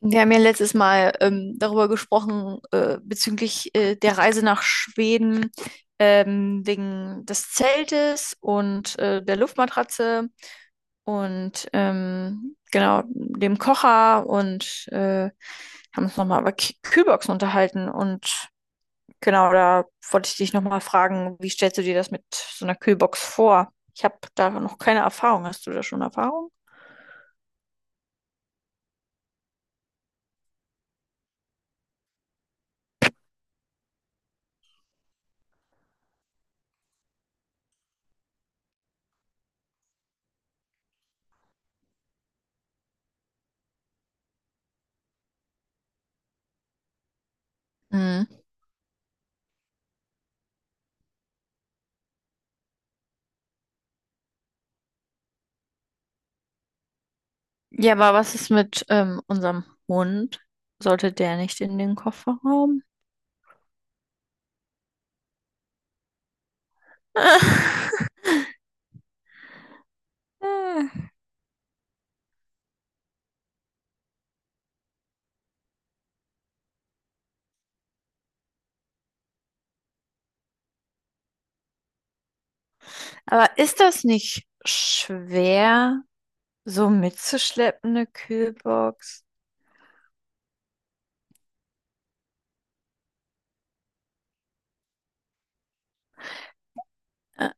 Wir haben ja letztes Mal darüber gesprochen, bezüglich der Reise nach Schweden, wegen des Zeltes und der Luftmatratze und genau dem Kocher und haben uns nochmal über K Kühlboxen unterhalten. Und genau, da wollte ich dich nochmal fragen, wie stellst du dir das mit so einer Kühlbox vor? Ich habe da noch keine Erfahrung. Hast du da schon Erfahrung? Ja, aber was ist mit unserem Hund? Sollte der nicht in den Kofferraum? Aber ist das nicht schwer, so mitzuschleppen, eine Kühlbox? Ä-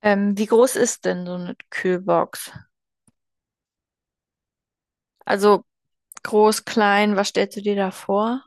wie groß ist denn so eine Kühlbox? Also groß, klein, was stellst du dir da vor?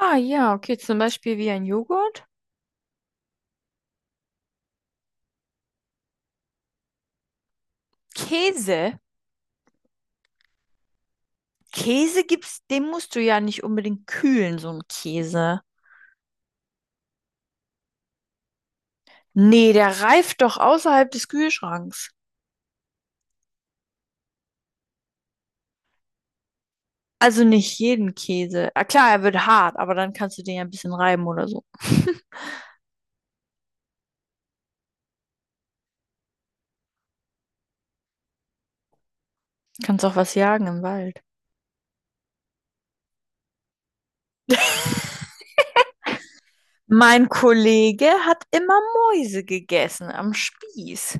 Ah ja, okay, zum Beispiel wie ein Joghurt. Käse? Käse gibt's, den musst du ja nicht unbedingt kühlen, so ein Käse. Nee, der reift doch außerhalb des Kühlschranks. Also nicht jeden Käse. Ah, klar, er wird hart, aber dann kannst du den ja ein bisschen reiben oder so. Kannst auch was jagen im Wald. Mein Kollege hat immer Mäuse gegessen am Spieß.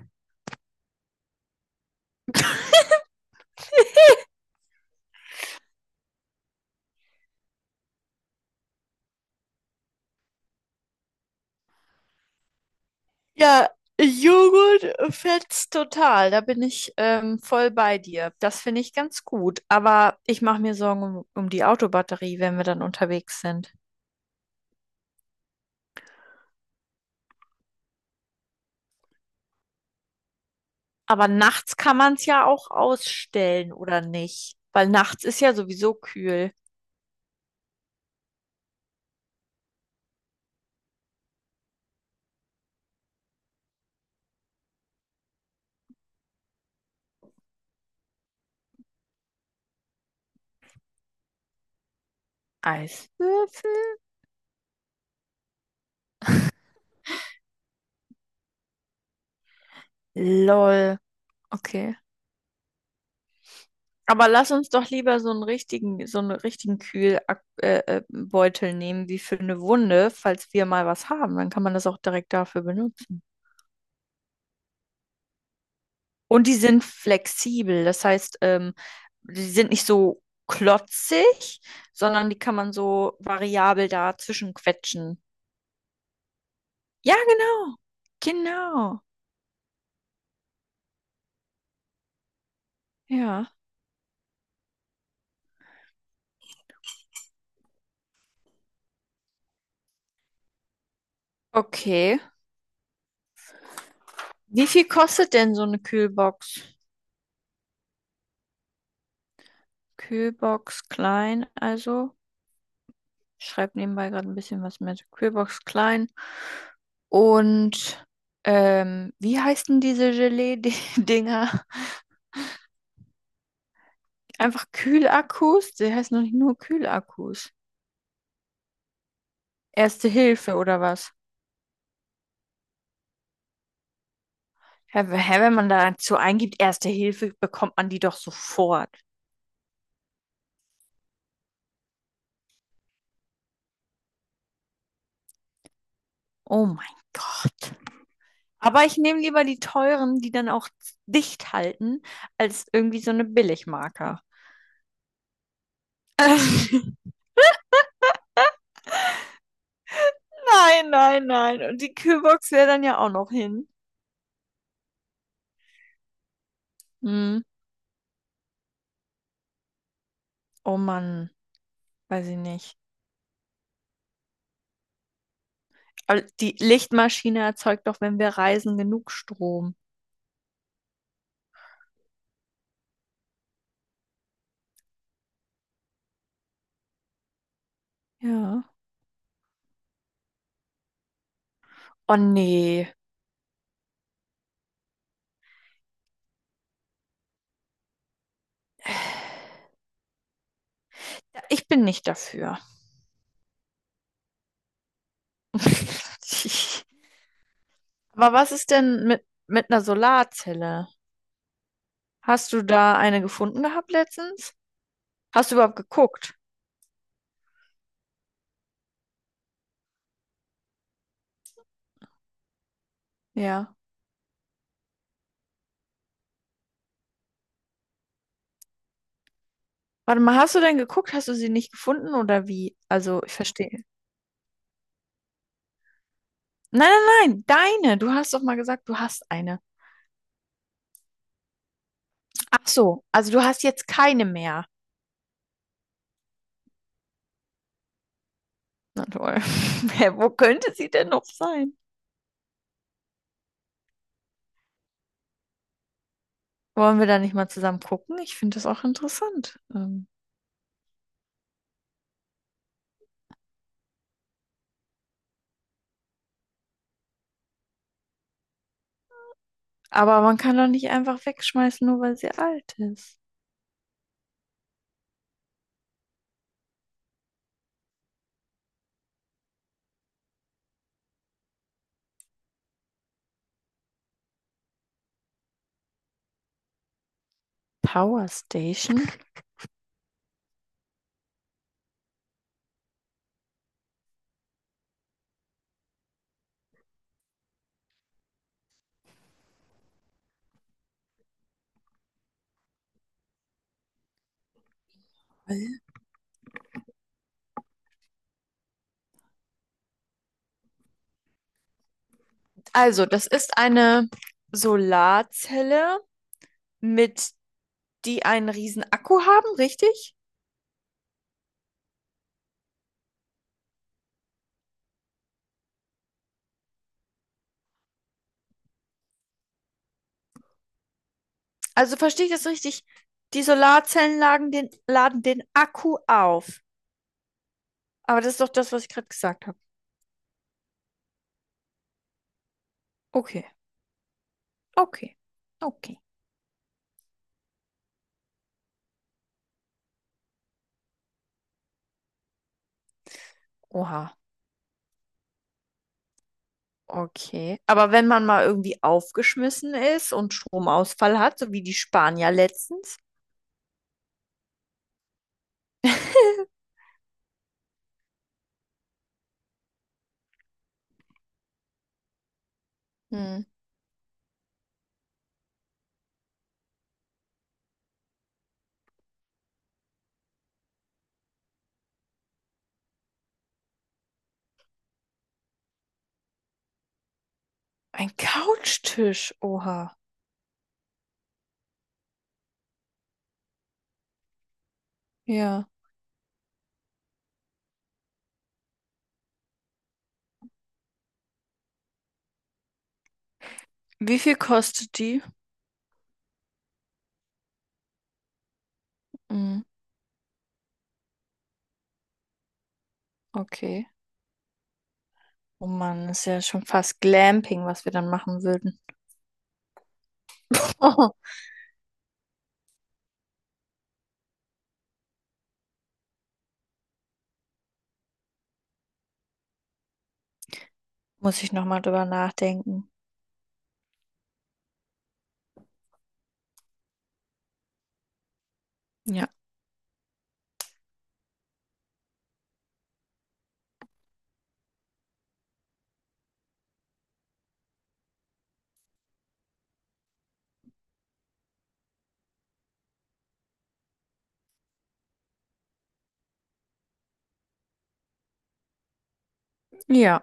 Ja, Joghurt fetzt total. Da bin ich voll bei dir. Das finde ich ganz gut. Aber ich mache mir Sorgen um die Autobatterie, wenn wir dann unterwegs sind. Aber nachts kann man es ja auch ausstellen, oder nicht? Weil nachts ist ja sowieso kühl. Eiswürfel? Lol, okay. Aber lass uns doch lieber so einen richtigen Kühlbeutel Beutel nehmen, wie für eine Wunde, falls wir mal was haben. Dann kann man das auch direkt dafür benutzen. Und die sind flexibel, das heißt, die sind nicht so klotzig, sondern die kann man so variabel dazwischen quetschen. Ja, genau. Genau. Ja. Okay. Wie viel kostet denn so eine Kühlbox? Kühlbox klein, also. Ich schreibe nebenbei gerade ein bisschen was mit Kühlbox Klein. Und wie heißen diese Gelee-Dinger? Einfach Kühlakkus? Die heißen doch nicht nur Kühlakkus. Erste Hilfe oder was? Hä, hä, wenn man dazu eingibt, Erste Hilfe, bekommt man die doch sofort. Oh mein Gott. Aber ich nehme lieber die teuren, die dann auch dicht halten, als irgendwie so eine Billigmarke. Nein, nein, nein. Und die Kühlbox wäre dann ja auch noch hin. Hm. Oh Mann, weiß ich nicht. Aber die Lichtmaschine erzeugt doch, wenn wir reisen, genug Strom. Ja. Oh nee. Ja, ich bin nicht dafür. Aber was ist denn mit einer Solarzelle? Hast du da eine gefunden gehabt letztens? Hast du überhaupt geguckt? Ja. Warte mal, hast du denn geguckt? Hast du sie nicht gefunden oder wie? Also, ich verstehe. Nein, nein, nein, deine. Du hast doch mal gesagt, du hast eine. Ach so, also du hast jetzt keine mehr. Na toll. Hä, wo könnte sie denn noch sein? Wollen wir da nicht mal zusammen gucken? Ich finde das auch interessant. Aber man kann doch nicht einfach wegschmeißen, nur weil sie alt ist. Power Station? Also, das ist eine Solarzelle, mit die einen riesen Akku haben, richtig? Also verstehe ich das richtig? Die Solarzellen laden den Akku auf. Aber das ist doch das, was ich gerade gesagt habe. Okay, okay, okay. Oha. Okay. Aber wenn man mal irgendwie aufgeschmissen ist und Stromausfall hat, so wie die Spanier letztens. Hm. Ein Couchtisch. Oha. Ja. Wie viel kostet die? Hm. Okay. Oh Mann, ist ja schon fast Glamping, was wir dann machen würden. Muss ich nochmal drüber nachdenken. Ja. Ja.